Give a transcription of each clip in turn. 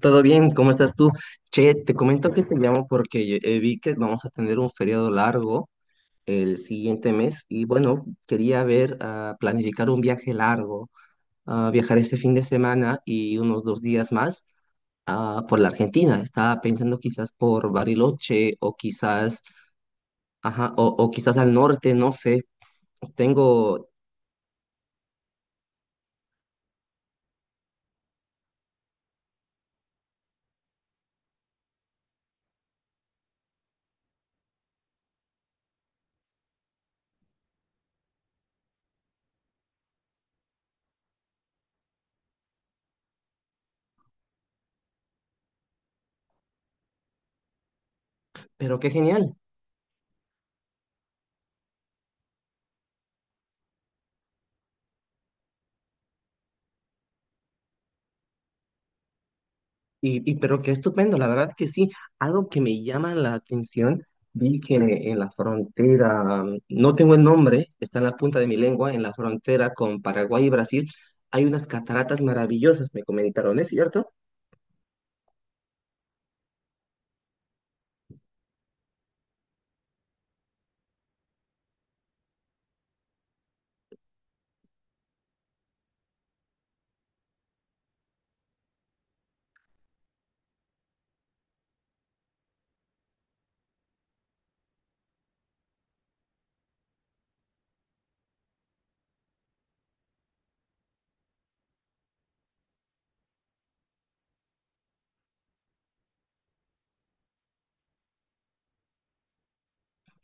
Todo bien, ¿cómo estás tú? Che, te comento que te llamo porque vi que vamos a tener un feriado largo el siguiente mes y bueno, quería ver, planificar un viaje largo, viajar este fin de semana y unos dos días más por la Argentina. Estaba pensando quizás por Bariloche o quizás, ajá, o quizás al norte, no sé. Tengo, pero qué genial. Pero qué estupendo, la verdad que sí, algo que me llama la atención, vi que en la frontera, no tengo el nombre, está en la punta de mi lengua, en la frontera con Paraguay y Brasil, hay unas cataratas maravillosas, me comentaron, ¿es cierto?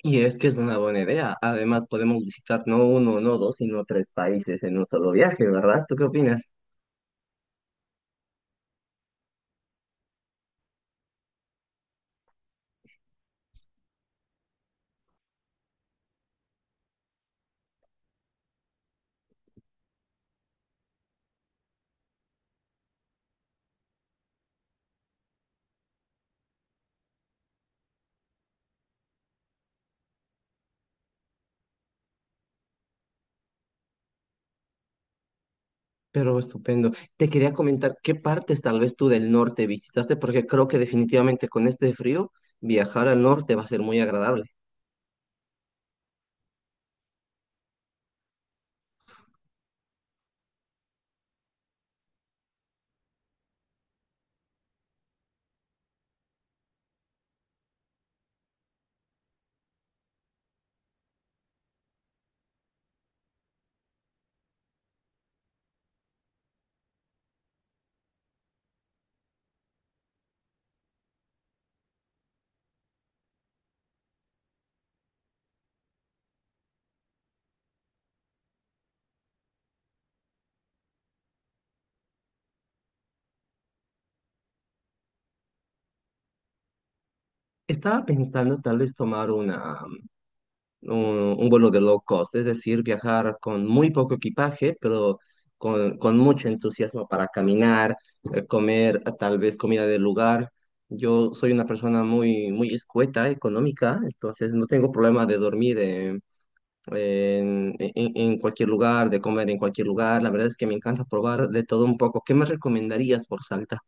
Y es que es una buena idea, además podemos visitar no uno, no dos, sino tres países en un solo viaje, ¿verdad? ¿Tú qué opinas? Pero estupendo. Te quería comentar qué partes tal vez tú del norte visitaste, porque creo que definitivamente con este frío viajar al norte va a ser muy agradable. Estaba pensando tal vez tomar una, un, un vuelo de low cost, es decir, viajar con muy poco equipaje, pero con mucho entusiasmo para caminar, comer tal vez comida del lugar. Yo soy una persona muy, muy escueta, económica, entonces no tengo problema de dormir en cualquier lugar, de comer en cualquier lugar. La verdad es que me encanta probar de todo un poco. ¿Qué me recomendarías por Salta?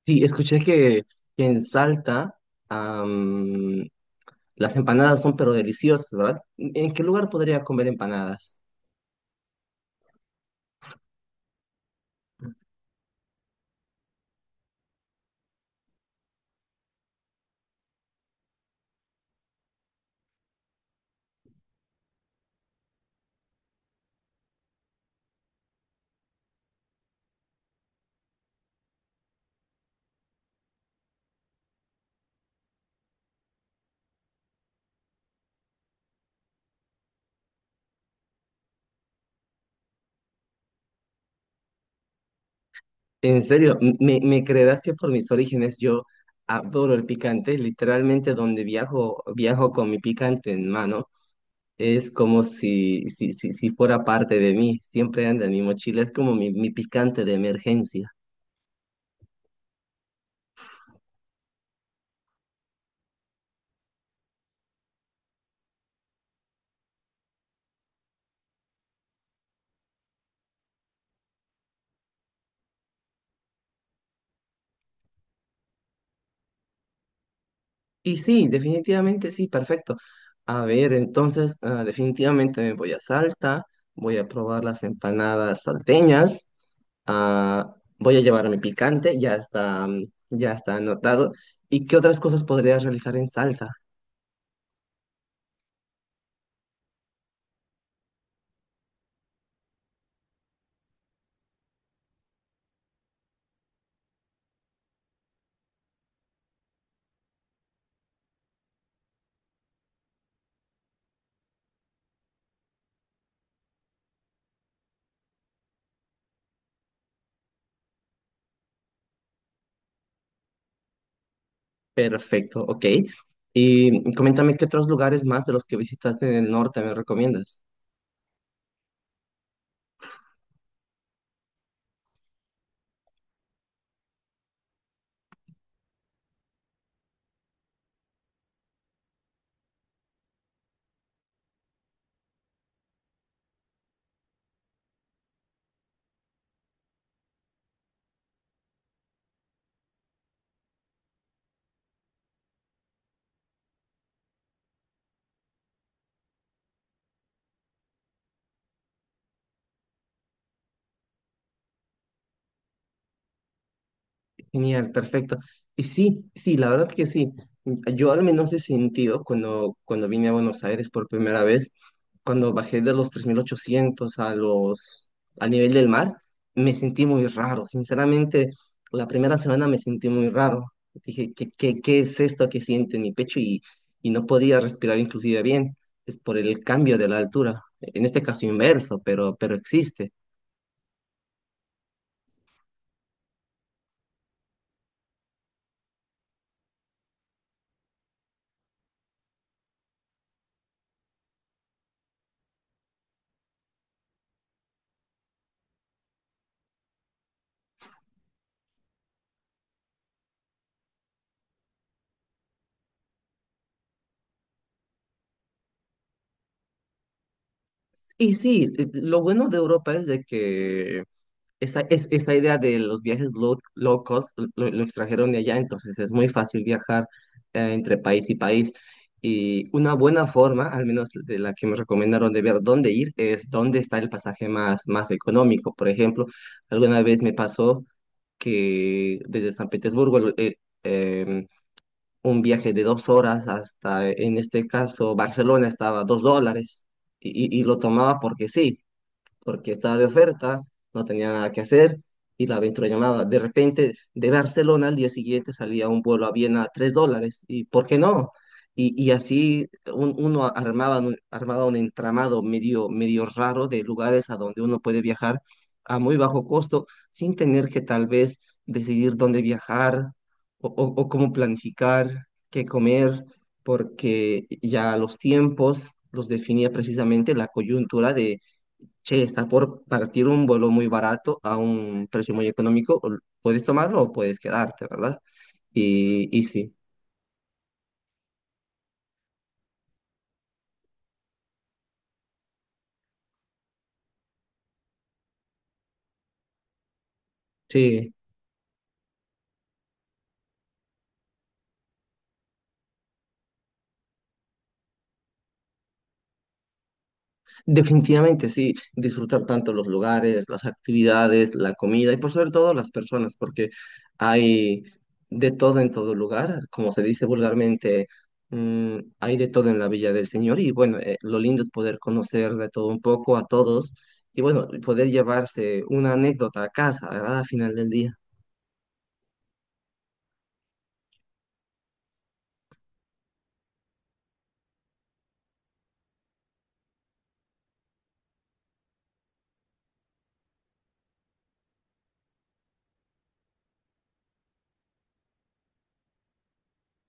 Sí, escuché que en Salta. Las empanadas son pero deliciosas, ¿verdad? ¿En qué lugar podría comer empanadas? En serio, me creerás que por mis orígenes yo adoro el picante? Literalmente donde viajo, viajo con mi picante en mano. Es como si fuera parte de mí, siempre anda en mi mochila, es como mi picante de emergencia. Y sí, definitivamente sí, perfecto. A ver, entonces, definitivamente me voy a Salta, voy a probar las empanadas salteñas. Ah, voy a llevar mi picante, ya está, ya está anotado. ¿Y qué otras cosas podrías realizar en Salta? Perfecto, ok. Y coméntame qué otros lugares más de los que visitaste en el norte me recomiendas. Genial, perfecto. Y sí, sí, la verdad que sí. Yo al menos he sentido cuando vine a Buenos Aires por primera vez, cuando bajé de los 3.800 a los, al nivel del mar, me sentí muy raro. Sinceramente, la primera semana me sentí muy raro. Dije, qué es esto que siento en mi pecho? Y no podía respirar inclusive bien. Es por el cambio de la altura. En este caso inverso, pero existe. Y sí, lo bueno de Europa es de que esa, es, esa idea de los viajes low cost lo extrajeron de allá, entonces es muy fácil viajar entre país y país. Y una buena forma, al menos de la que me recomendaron de ver dónde ir, es dónde está el pasaje más, más económico. Por ejemplo, alguna vez me pasó que desde San Petersburgo em, un viaje de 2 horas hasta, en este caso, Barcelona estaba a 2 dólares y lo tomaba porque sí, porque estaba de oferta, no tenía nada que hacer y la aventura llamaba. De repente, de Barcelona al día siguiente salía un vuelo a Viena a 3 dólares y ¿por qué no? Así uno armaba, armaba un entramado medio, medio raro de lugares a donde uno puede viajar a muy bajo costo sin tener que tal vez decidir dónde viajar o o cómo planificar, qué comer, porque ya los tiempos los definía precisamente la coyuntura. Che, está por partir un vuelo muy barato a un precio muy económico. Puedes tomarlo o puedes quedarte, ¿verdad? Sí, sí, definitivamente sí. Disfrutar tanto los lugares, las actividades, la comida y por sobre todo las personas, porque hay de todo en todo lugar. Como se dice vulgarmente, hay de todo en la Villa del Señor. Y bueno, lo lindo es poder conocer de todo un poco a todos y bueno, poder llevarse una anécdota a casa, ¿verdad? Al final del día.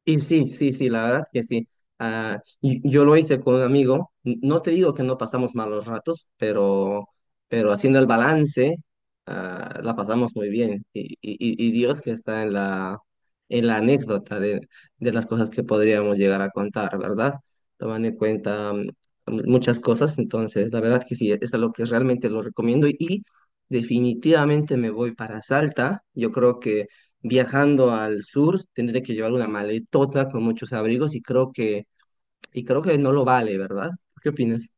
Y sí, sí, sí, la verdad que sí. Ah, y yo lo hice con un amigo. No te digo que no pasamos malos ratos, pero haciendo el balance, la pasamos muy bien. Y Dios que está en la anécdota de las cosas que podríamos llegar a contar, ¿verdad? Tomando en cuenta muchas cosas. Entonces, la verdad que sí, es lo que realmente lo recomiendo. Definitivamente me voy para Salta. Yo creo que viajando al sur, tendré que llevar una maletota con muchos abrigos y creo que no lo vale, ¿verdad? ¿Qué opinas?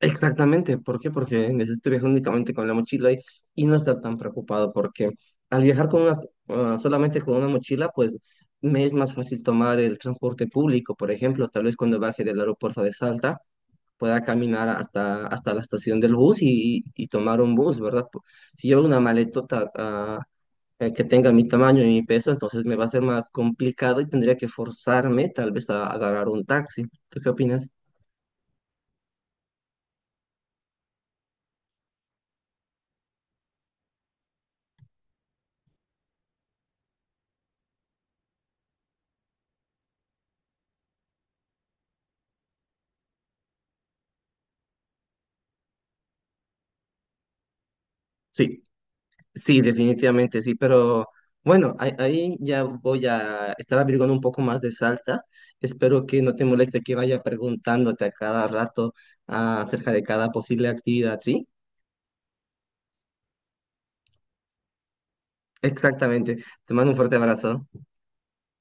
Exactamente, ¿por qué? Porque necesito viajar únicamente con la mochila y no estar tan preocupado porque al viajar con solamente con una mochila, pues me es más fácil tomar el transporte público, por ejemplo, tal vez cuando baje del aeropuerto de Salta pueda caminar hasta la estación del bus y, y tomar un bus, ¿verdad? Si llevo una maletota que tenga mi tamaño y mi peso, entonces me va a ser más complicado y tendría que forzarme tal vez a agarrar un taxi. ¿Tú qué opinas? Sí, sí, definitivamente sí, pero bueno, ahí ya voy a estar averiguando un poco más de Salta. Espero que no te moleste que vaya preguntándote a cada rato acerca de cada posible actividad, ¿sí? Exactamente. Te mando un fuerte abrazo.